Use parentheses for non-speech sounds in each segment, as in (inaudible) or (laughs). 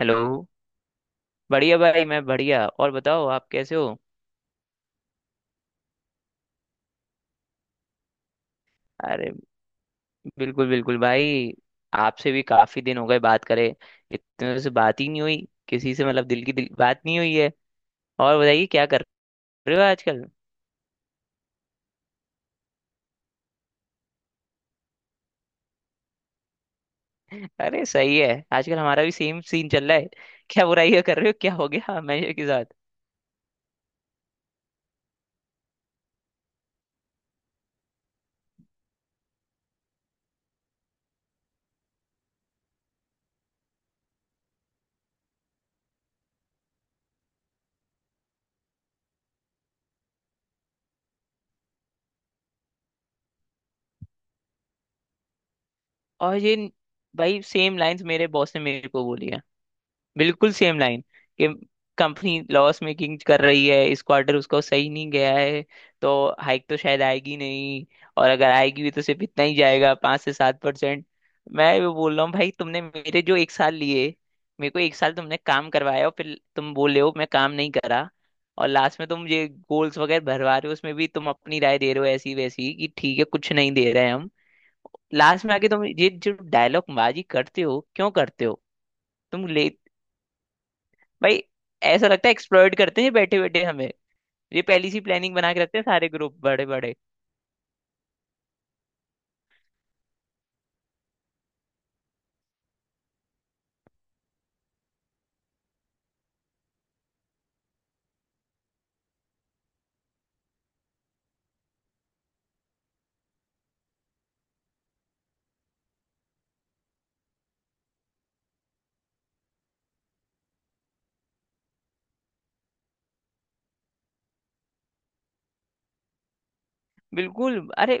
Hello. बढ़िया भाई, मैं बढ़िया। और बताओ आप कैसे हो? अरे बिल्कुल बिल्कुल भाई। आपसे भी काफी दिन हो गए बात करे, इतने दिनों से बात ही नहीं हुई। किसी से मतलब दिल की दिल बात नहीं हुई है। और बताइए क्या कर रहे हो आजकल? अरे सही है। आजकल हमारा भी सेम सीन चल रहा है। क्या बुराई है कर रहे हो, क्या हो गया मैनेजर के साथ? और ये, भाई सेम लाइंस मेरे बॉस ने मेरे को बोली है। बिल्कुल सेम लाइन कि कंपनी लॉस मेकिंग कर रही है, इस क्वार्टर उसका सही नहीं गया है, तो हाइक तो शायद आएगी नहीं। और अगर आएगी भी तो सिर्फ इतना ही जाएगा, 5 से 7%। मैं वो बोल रहा हूँ भाई, तुमने मेरे जो एक साल लिए, मेरे को एक साल तुमने काम करवाया और फिर तुम बोल रहे हो मैं काम नहीं करा। और लास्ट में तुम ये गोल्स वगैरह भरवा रहे हो, उसमें भी तुम अपनी राय दे रहे हो ऐसी वैसी कि ठीक है कुछ नहीं दे रहे हैं हम। लास्ट में आके तुम ये जो डायलॉग बाजी करते हो, क्यों करते हो? तुम ले, भाई ऐसा लगता है एक्सप्लॉइट करते हैं बैठे बैठे हमें। ये पहली सी प्लानिंग बना के रखते हैं सारे ग्रुप बड़े बड़े। बिल्कुल। अरे,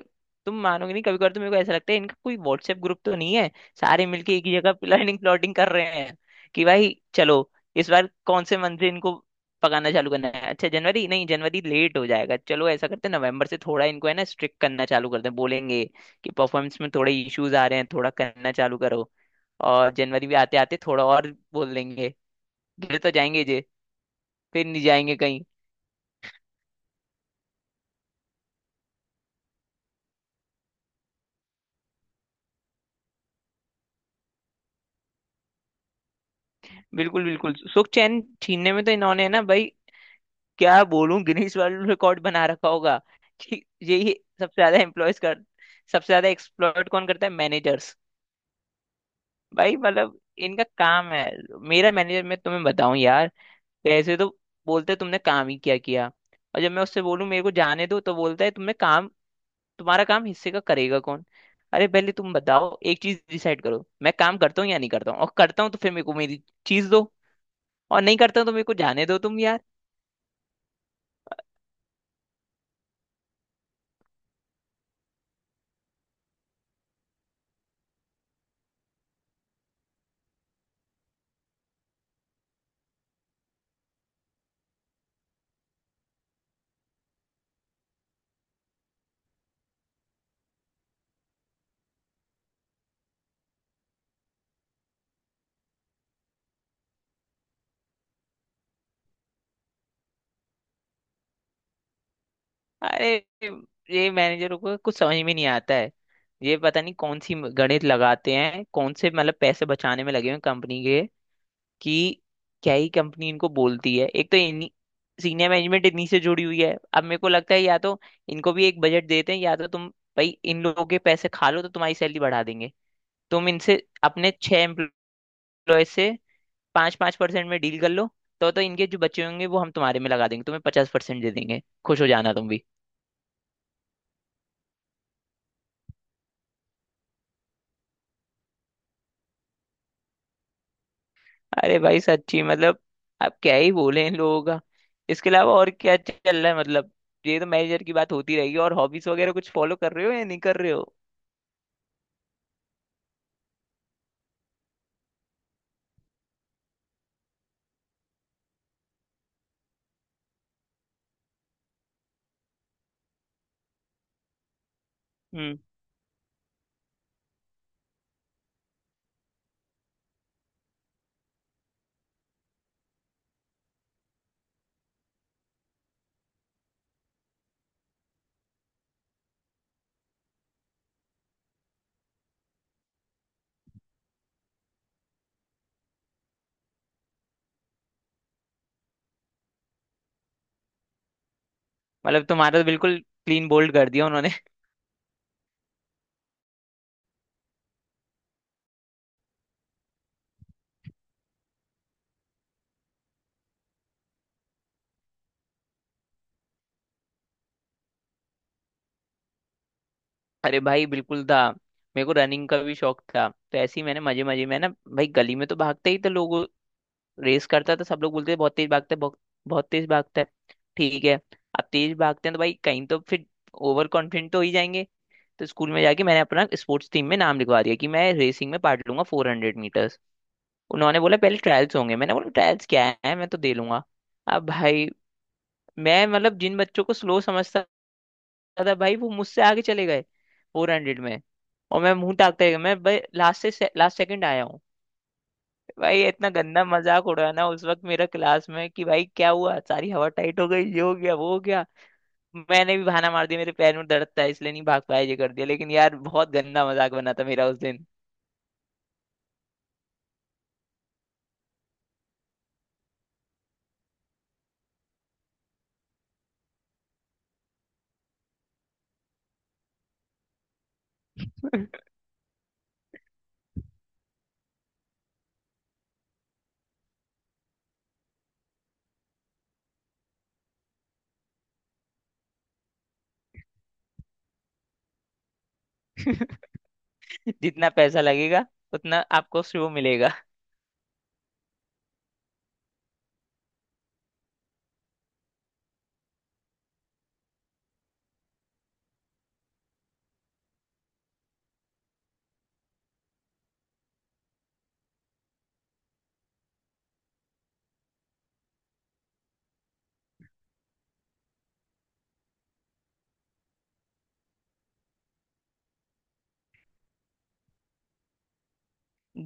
तुम मानोगे नहीं, कभी कभी तो मेरे को ऐसा लगता है इनका कोई व्हाट्सएप ग्रुप तो नहीं है। सारे मिलके एक ही जगह प्लानिंग प्लॉटिंग कर रहे हैं कि भाई चलो, इस बार कौन से मंथ से इनको पकाना चालू करना है। अच्छा जनवरी नहीं, जनवरी लेट हो जाएगा, चलो ऐसा करते हैं नवंबर से थोड़ा इनको है ना स्ट्रिक्ट करना चालू करते हैं। बोलेंगे कि परफॉर्मेंस में थोड़े इश्यूज आ रहे हैं, थोड़ा करना चालू करो। और जनवरी भी आते आते थोड़ा और बोल देंगे। गिर तो जाएंगे, फिर नहीं जाएंगे कहीं। बिल्कुल बिल्कुल। सुख चैन छीनने में तो इन्होंने ना भाई, क्या बोलूं, गिनीज वर्ल्ड रिकॉर्ड बना रखा होगा कि यही सबसे ज्यादा एम्प्लॉयज कर, सबसे ज्यादा एक्सप्लॉइट कौन करता है? मैनेजर्स। भाई मतलब इनका काम है। मेरा मैनेजर, मैं तुम्हें बताऊं यार, ऐसे तो बोलते तुमने काम ही क्या किया, और जब मैं उससे बोलूं मेरे को जाने दो तो बोलता है तुमने काम, तुम्हारा काम हिस्से का करेगा कौन? अरे पहले तुम बताओ, एक चीज डिसाइड करो, मैं काम करता हूँ या नहीं करता हूँ, और करता हूँ तो फिर मेरे को मेरी चीज दो, और नहीं करता तो मेरे को जाने दो तुम यार। अरे ये मैनेजरों को कुछ समझ में नहीं आता है। ये पता नहीं कौन सी गणित लगाते हैं, कौन से मतलब पैसे बचाने में लगे हुए कंपनी के कि क्या ही कंपनी इनको बोलती है। एक तो इन सीनियर मैनेजमेंट इन्हीं से जुड़ी हुई है। अब मेरे को लगता है या तो इनको भी एक बजट देते हैं, या तो तुम, भाई इन लोगों के पैसे खा लो तो तुम्हारी सैलरी बढ़ा देंगे। तुम इनसे अपने छह एम्प्लॉय से 5 5% में डील कर लो, तो इनके जो बच्चे होंगे वो हम तुम्हारे में लगा देंगे, तुम्हें 50% दे देंगे, खुश हो जाना तुम भी। अरे भाई सच्ची मतलब, अब क्या ही बोले इन लोगों का। इसके अलावा और क्या चल रहा है मतलब? ये तो मैनेजर की बात होती रहेगी, और हॉबीज वगैरह कुछ फॉलो कर रहे हो या नहीं कर रहे हो? हम्म। मतलब तुम्हारा तो बिल्कुल क्लीन बोल्ड कर दिया उन्होंने। (laughs) अरे भाई बिल्कुल था। मेरे को रनिंग का भी शौक था, तो ऐसे ही मैंने मजे मजे में ना भाई, गली में तो भागते ही थे लोग। रेस करता है तो सब लोग बोलते हैं बहुत तेज भागता है, बहुत बहुत तेज भागता है, ठीक है। अब तेज भागते हैं तो भाई कहीं तो फिर ओवर कॉन्फिडेंट तो हो ही जाएंगे। तो स्कूल में जाके मैंने अपना स्पोर्ट्स टीम में नाम लिखवा दिया कि मैं रेसिंग में पार्ट लूंगा, 400 मीटर्स। उन्होंने बोला पहले ट्रायल्स होंगे, मैंने बोला ट्रायल्स क्या है, मैं तो दे लूंगा। अब भाई, मैं मतलब जिन बच्चों को स्लो समझता था भाई, वो मुझसे आगे चले गए 400 में, और मैं मुंह ताकते गया। मैं भाई लास्ट से लास्ट सेकंड आया। भाई इतना गंदा मजाक उड़ाना उस वक्त मेरा क्लास में कि भाई क्या हुआ, सारी हवा टाइट हो गई, ये हो गया वो हो गया। मैंने भी बहाना मार दिया मेरे पैर में दर्द था इसलिए नहीं भाग पाया, ये कर दिया, लेकिन यार बहुत गंदा मजाक बना था मेरा उस दिन। (laughs) जितना पैसा लगेगा उतना आपको शो मिलेगा।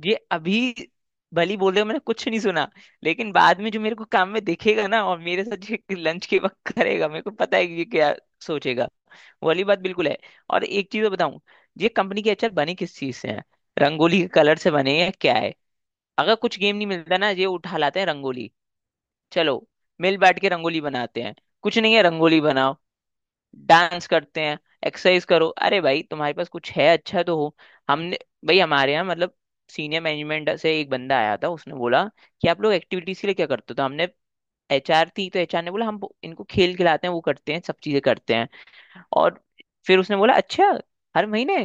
ये अभी भली बोल रहे हो, मैंने कुछ नहीं सुना, लेकिन बाद में जो मेरे को काम में दिखेगा ना, और मेरे साथ ये लंच के वक्त करेगा, मेरे को पता है कि ये क्या सोचेगा। वो वाली बात बिल्कुल है। और एक चीज बताऊं, ये कंपनी के अचार बने किस चीज से हैं? रंगोली के कलर से बने हैं क्या है? अगर कुछ गेम नहीं मिलता ना, ये उठा लाते हैं रंगोली। चलो, मिल बैठ के रंगोली बनाते हैं। कुछ नहीं है, रंगोली बनाओ, डांस करते हैं, एक्सरसाइज करो। अरे भाई तुम्हारे पास कुछ है अच्छा तो हो। हमने, भाई हमारे यहाँ मतलब सीनियर मैनेजमेंट से एक बंदा आया था, उसने बोला कि आप लोग एक्टिविटीज के लिए क्या करते हो? तो हमने, एचआर थी तो एचआर ने बोला हम इनको खेल खिलाते हैं, वो करते हैं, सब चीजें करते हैं। और फिर उसने बोला अच्छा, हर महीने?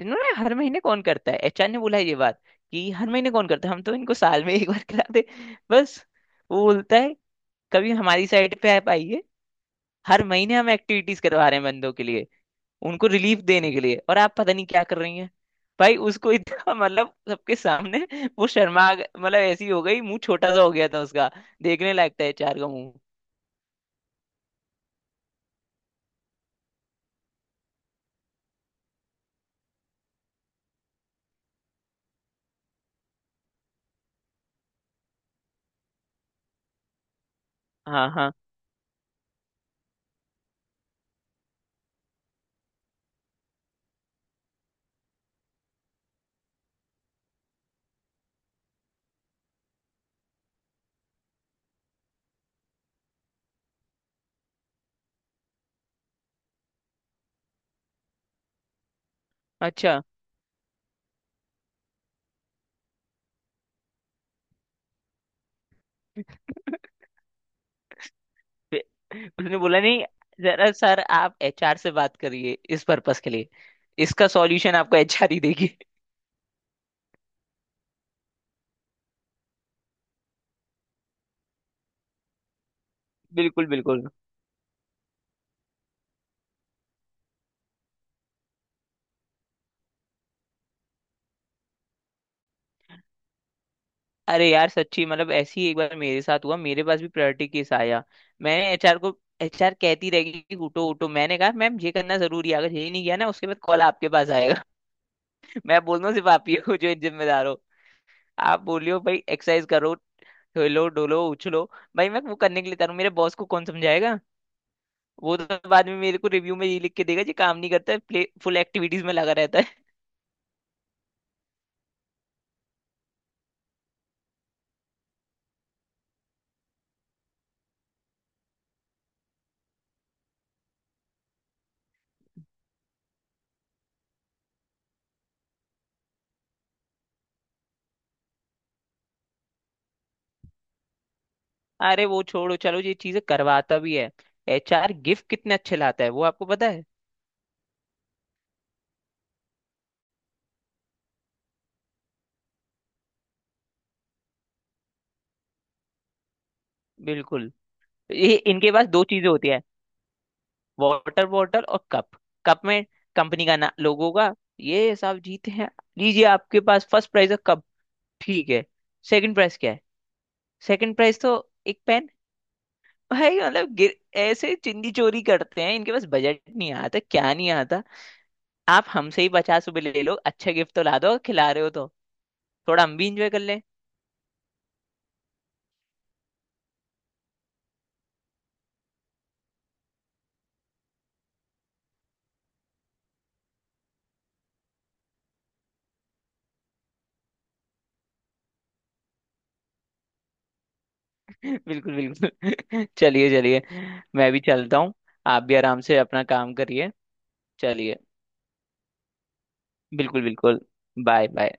इन्होंने, हर महीने कौन करता है? एचआर ने बोला ये बात कि हर महीने कौन करता है, हम तो इनको साल में एक बार खिलाते, बस। वो बोलता है कभी हमारी साइड पे आप आइए, हर महीने हम एक्टिविटीज करवा रहे हैं बंदों के लिए, उनको रिलीफ देने के लिए, और आप पता नहीं क्या कर रही हैं। भाई उसको इतना (laughs) मतलब सबके सामने वो शर्मा गए- मतलब ऐसी हो गई, मुंह छोटा सा हो गया था उसका। देखने लायक था एचआर का मुंह। हाँ हाँ। अच्छा। फिर उसने बोला नहीं, जरा सर आप एचआर से बात करिए इस पर्पस के लिए, इसका सॉल्यूशन आपको एचआर ही देगी। (laughs) बिल्कुल बिल्कुल। अरे यार सच्ची मतलब, ऐसी एक बार मेरे साथ हुआ, मेरे पास भी प्रायोरिटी केस आया। मैंने एचआर को, एचआर कहती रहेगी कि उठो उठो, मैंने कहा मैम ये करना जरूरी है, अगर यही नहीं किया ना, उसके बाद कॉल आपके पास आएगा। (laughs) मैं बोल रहा हूँ सिर्फ आप ही हो जो जिम्मेदार हो। आप बोलियो भाई एक्सरसाइज करो, हिलो डोलो उछलो, भाई मैं वो करने के लिए तैयार हूँ, मेरे बॉस को कौन समझाएगा? वो तो बाद में मेरे को रिव्यू में ये लिख के देगा, जी काम नहीं करता है, प्ले फुल एक्टिविटीज में लगा रहता है। (laughs) अरे वो छोड़ो, चलो ये चीजें करवाता भी है, एचआर गिफ्ट कितने अच्छे लाता है वो आपको पता है। बिल्कुल। ये इनके पास दो चीजें होती है, वाटर बॉटल और कप। कप में कंपनी का ना लोगों का, ये साहब जीते हैं। लीजिए आपके पास फर्स्ट प्राइज है, कप। ठीक है। सेकंड प्राइज क्या है? सेकंड प्राइज तो एक पेन। भाई मतलब गिर-, ऐसे चिंदी चोरी करते हैं। इनके पास बजट नहीं आता क्या, नहीं आता। आप हमसे ही 50 रुपए ले लो, अच्छे गिफ्ट तो ला दो, खिला रहे हो तो थोड़ा हम भी इंजॉय कर लें। (laughs) बिल्कुल बिल्कुल। (laughs) चलिए चलिए, मैं भी चलता हूँ। आप भी आराम से अपना काम करिए। चलिए। बिल्कुल बिल्कुल। Bye bye.